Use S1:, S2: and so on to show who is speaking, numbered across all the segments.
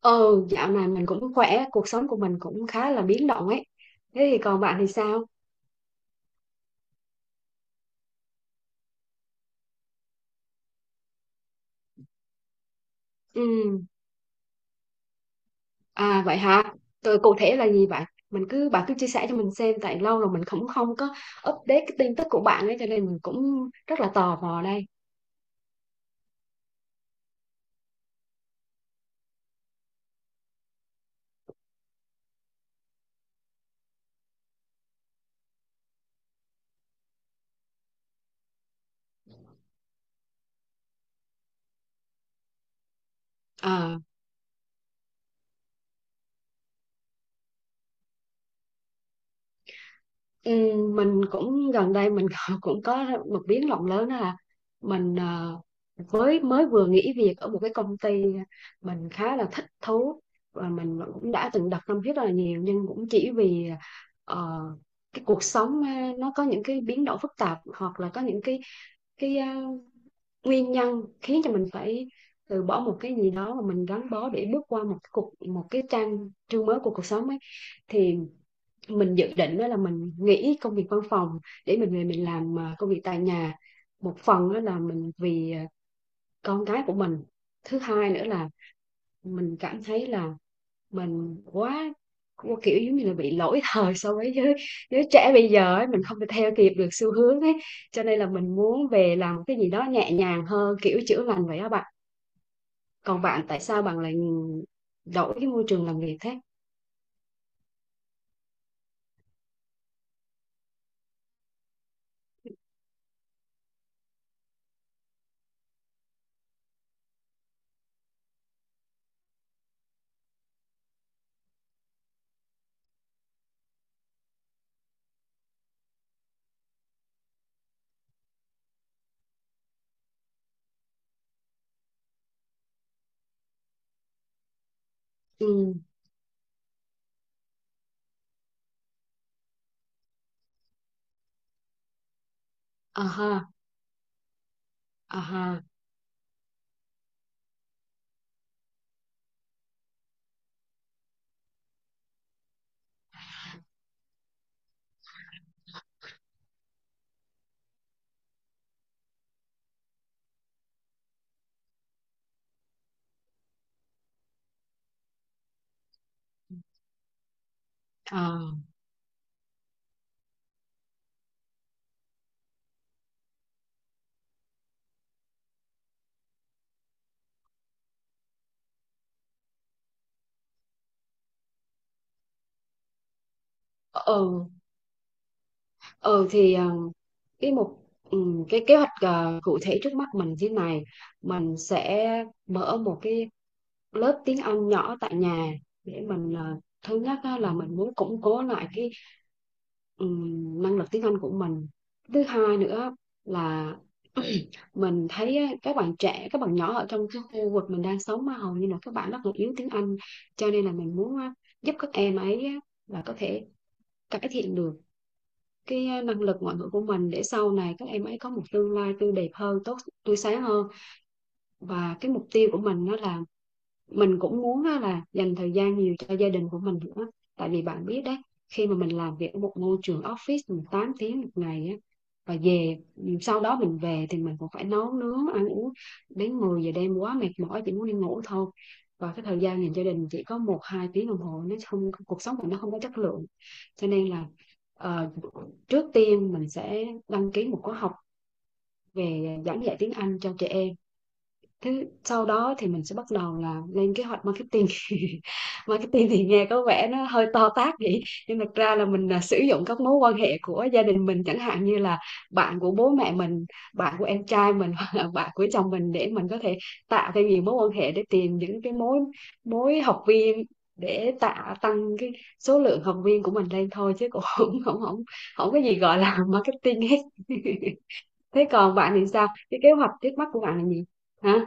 S1: Ừ, Dạo này mình cũng khỏe, cuộc sống của mình cũng khá là biến động ấy. Thế thì còn bạn thì sao? Ừ, à vậy hả? Tôi cụ thể là gì vậy? Mình cứ Bạn cứ chia sẻ cho mình xem, tại lâu rồi mình cũng không có update cái tin tức của bạn ấy, cho nên mình cũng rất là tò mò đây. À. Ừ, mình cũng gần đây mình cũng có một biến động lớn, đó là mình với mới vừa nghỉ việc ở một cái công ty mình khá là thích thú và mình cũng đã từng đặt tâm huyết rất là nhiều, nhưng cũng chỉ vì ờ, cái cuộc sống nó có những cái biến động phức tạp, hoặc là có những cái cái ờ, nguyên nhân khiến cho mình phải từ bỏ một cái gì đó mà mình gắn bó để bước qua một cái trang chương mới của cuộc sống ấy. Thì mình dự định đó là mình nghỉ công việc văn phòng để mình về mình làm công việc tại nhà. Một phần đó là mình vì con cái của mình, thứ hai nữa là mình cảm thấy là mình quá quá kiểu giống như là bị lỗi thời so với giới trẻ bây giờ ấy, mình không thể theo kịp được xu hướng ấy, cho nên là mình muốn về làm cái gì đó nhẹ nhàng hơn, kiểu chữa lành vậy đó bạn. Còn bạn tại sao bạn lại đổi cái môi trường làm việc thế? Ừ. À ha. À ha. À. Ừ. Ừ thì cái mục cái kế hoạch cụ thể trước mắt mình thế này: mình sẽ mở một cái lớp tiếng Anh nhỏ tại nhà để mình thứ nhất á, là mình muốn củng cố lại cái năng lực tiếng Anh của mình, thứ hai nữa là mình thấy á, các bạn trẻ các bạn nhỏ ở trong cái khu vực mình đang sống mà hầu như là các bạn rất là yếu tiếng Anh, cho nên là mình muốn á, giúp các em ấy á, là có thể cải thiện được cái năng lực ngoại ngữ của mình để sau này các em ấy có một tương lai tươi đẹp hơn, tốt tươi sáng hơn. Và cái mục tiêu của mình đó là mình cũng muốn là dành thời gian nhiều cho gia đình của mình nữa, tại vì bạn biết đấy, khi mà mình làm việc ở một môi trường office mình 8 tiếng một ngày á, và về sau đó mình về thì mình cũng phải nấu nướng ăn uống đến 10 giờ đêm, quá mệt mỏi chỉ muốn đi ngủ thôi, và cái thời gian dành cho gia đình chỉ có một hai tiếng đồng hồ, nó không cuộc sống của nó không có chất lượng. Cho nên là ờ, trước tiên mình sẽ đăng ký một khóa học về giảng dạy tiếng Anh cho trẻ em. Thế sau đó thì mình sẽ bắt đầu là lên kế hoạch marketing. Marketing thì nghe có vẻ nó hơi to tát vậy, nhưng thực ra là mình là sử dụng các mối quan hệ của gia đình mình, chẳng hạn như là bạn của bố mẹ mình, bạn của em trai mình, hoặc là bạn của chồng mình, để mình có thể tạo thêm nhiều mối quan hệ để tìm những cái mối mối học viên, để tăng cái số lượng học viên của mình lên thôi, chứ cũng không không không không có gì gọi là marketing hết. Thế còn bạn thì sao, cái kế hoạch trước mắt của bạn là gì? Hả?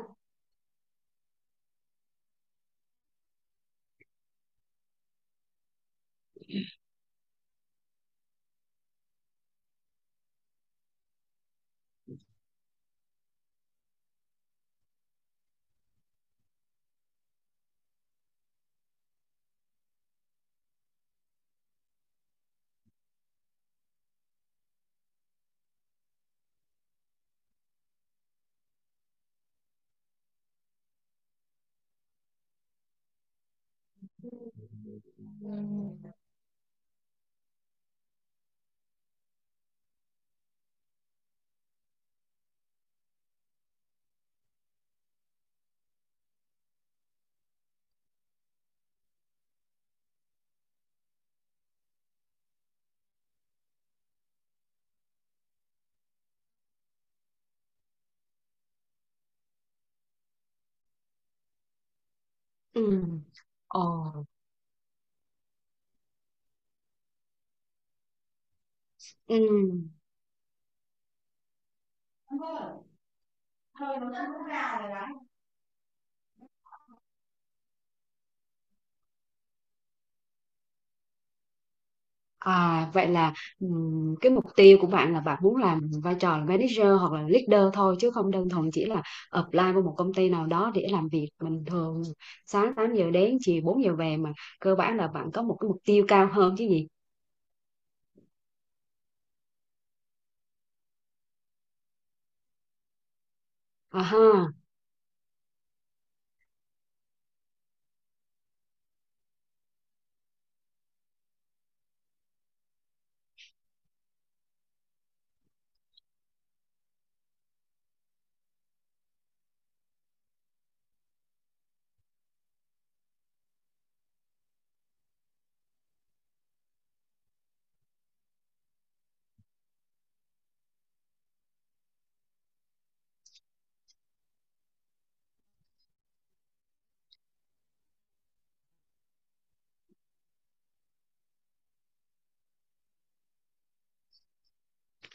S1: Ừ. Ờ. Ừ. À, vậy là cái mục tiêu của bạn là bạn muốn làm vai trò là manager hoặc là leader thôi, chứ không đơn thuần chỉ là apply vào một công ty nào đó để làm việc bình thường, sáng 8 giờ đến chiều 4 giờ về, mà cơ bản là bạn có một cái mục tiêu cao hơn chứ gì. À ha.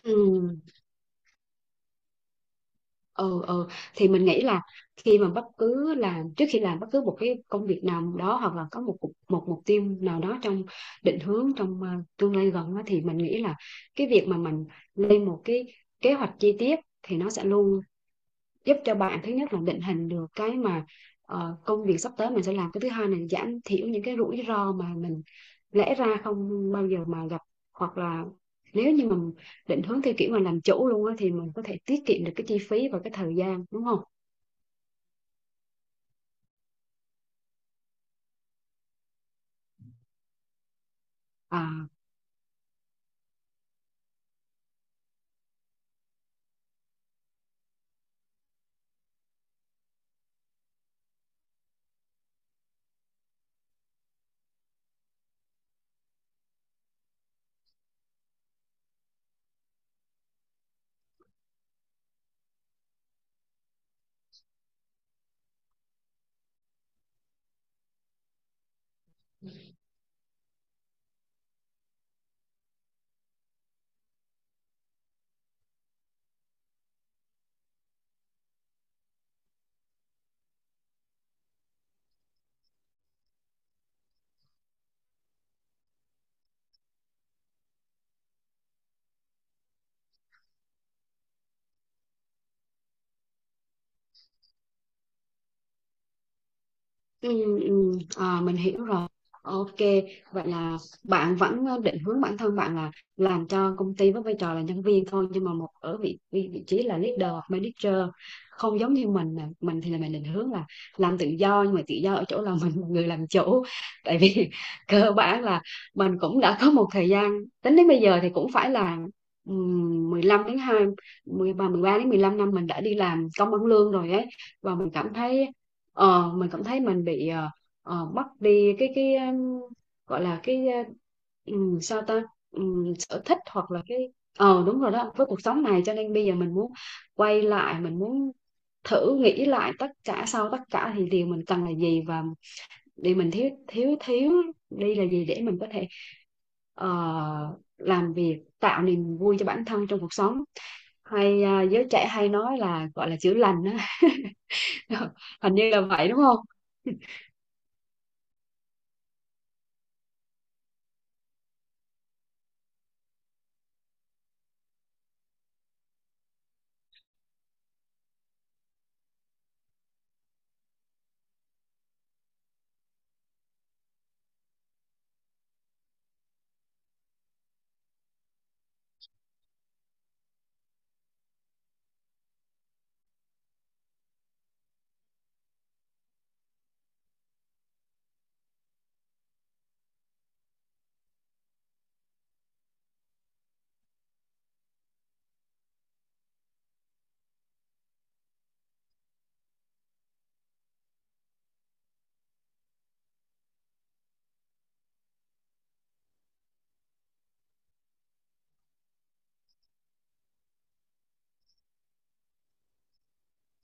S1: Ừ. Ừ ừ, thì mình nghĩ là khi mà bất cứ làm trước khi làm bất cứ một cái công việc nào đó, hoặc là có một mục tiêu nào đó trong định hướng, trong tương lai gần đó, thì mình nghĩ là cái việc mà mình lên một cái kế hoạch chi tiết thì nó sẽ luôn giúp cho bạn, thứ nhất là định hình được cái mà công việc sắp tới mình sẽ làm, cái thứ hai là giảm thiểu những cái rủi ro mà mình lẽ ra không bao giờ mà gặp, hoặc là nếu như mình định hướng theo kiểu mà làm chủ luôn á thì mình có thể tiết kiệm được cái chi phí và cái thời gian, đúng không? À. Ừ, ừ, à, mình hiểu rồi. Ok, vậy là bạn vẫn định hướng bản thân bạn là làm cho công ty với vai trò là nhân viên thôi, nhưng mà một ở vị vị, vị trí là leader hoặc manager, không giống như mình nè. Mình thì là mình định hướng là làm tự do, nhưng mà tự do ở chỗ là mình là người làm chủ. Tại vì cơ bản là mình cũng đã có một thời gian, tính đến bây giờ thì cũng phải là 15 đến hai mười ba đến 15 năm mình đã đi làm công ăn lương rồi ấy. Và mình cảm thấy ờ, mình cảm thấy mình bị mất đi cái gọi là cái sao ta. Sở thích, hoặc là cái. Ờ đúng rồi đó, với cuộc sống này, cho nên bây giờ mình muốn quay lại, mình muốn thử nghĩ lại tất cả, sau tất cả thì điều mình cần là gì và điều mình thiếu thiếu thiếu đi là gì, để mình có thể ờ, làm việc tạo niềm vui cho bản thân trong cuộc sống, hay giới trẻ hay nói là gọi là chữa lành á. Hình như là vậy đúng không?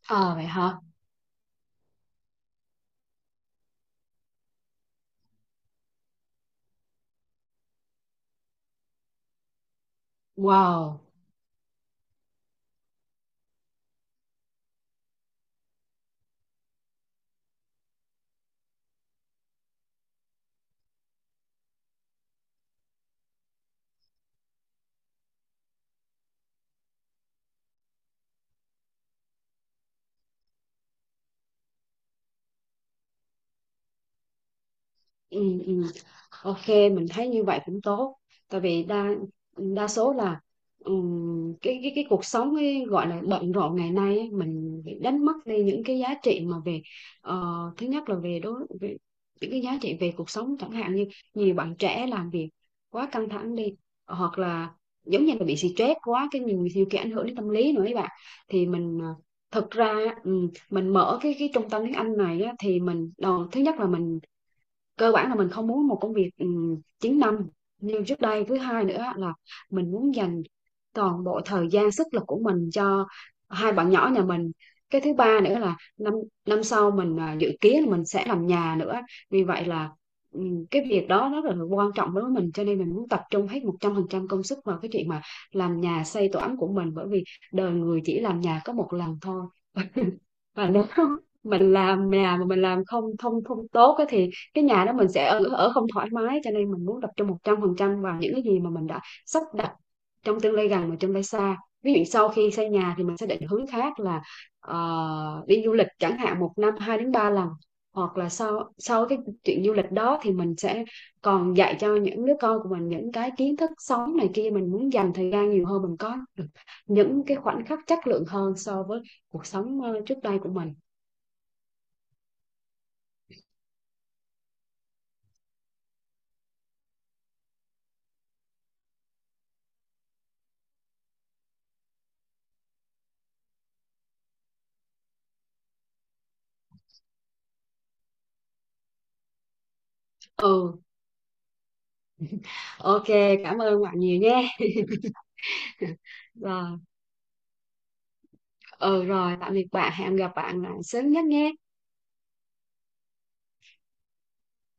S1: Ờ vậy hả? Wow. Ừ, ừ. Ok, mình thấy như vậy cũng tốt, tại vì đa đa số là cái cuộc sống ấy, gọi là bận rộn ngày nay ấy, mình bị đánh mất đi những cái giá trị mà về ờ, thứ nhất là về về những cái giá trị về cuộc sống, chẳng hạn như nhiều bạn trẻ làm việc quá căng thẳng đi, hoặc là giống như là bị stress quá, cái nhiều nhiều khi ảnh hưởng đến tâm lý nữa ấy bạn. Thì mình thực ra á, mình mở cái trung tâm tiếng Anh này á, thì mình thứ nhất là mình cơ bản là mình không muốn một công việc 9 năm như trước đây, thứ hai nữa là mình muốn dành toàn bộ thời gian sức lực của mình cho hai bạn nhỏ nhà mình. Cái thứ ba nữa là năm năm sau mình dự kiến là mình sẽ làm nhà nữa, vì vậy là cái việc đó rất là quan trọng đối với mình, cho nên mình muốn tập trung hết 100% công sức vào cái chuyện mà làm nhà xây tổ ấm của mình. Bởi vì đời người chỉ làm nhà có một lần thôi, và nếu mình làm nhà mà mình làm không không không tốt á thì cái nhà đó mình sẽ ở không thoải mái, cho nên mình muốn tập trung một trăm phần trăm vào những cái gì mà mình đã sắp đặt trong tương lai gần và tương lai xa. Ví dụ sau khi xây nhà thì mình sẽ định hướng khác là ờ, đi du lịch chẳng hạn, một năm hai đến ba lần, hoặc là sau sau cái chuyện du lịch đó thì mình sẽ còn dạy cho những đứa con của mình những cái kiến thức sống này kia, mình muốn dành thời gian nhiều hơn, mình có được những cái khoảnh khắc chất lượng hơn so với cuộc sống trước đây của mình. Ừ. Ok, cảm ơn bạn nhiều nha. Rồi, ừ rồi, tạm biệt bạn, hẹn gặp bạn lại sớm nhất nhé.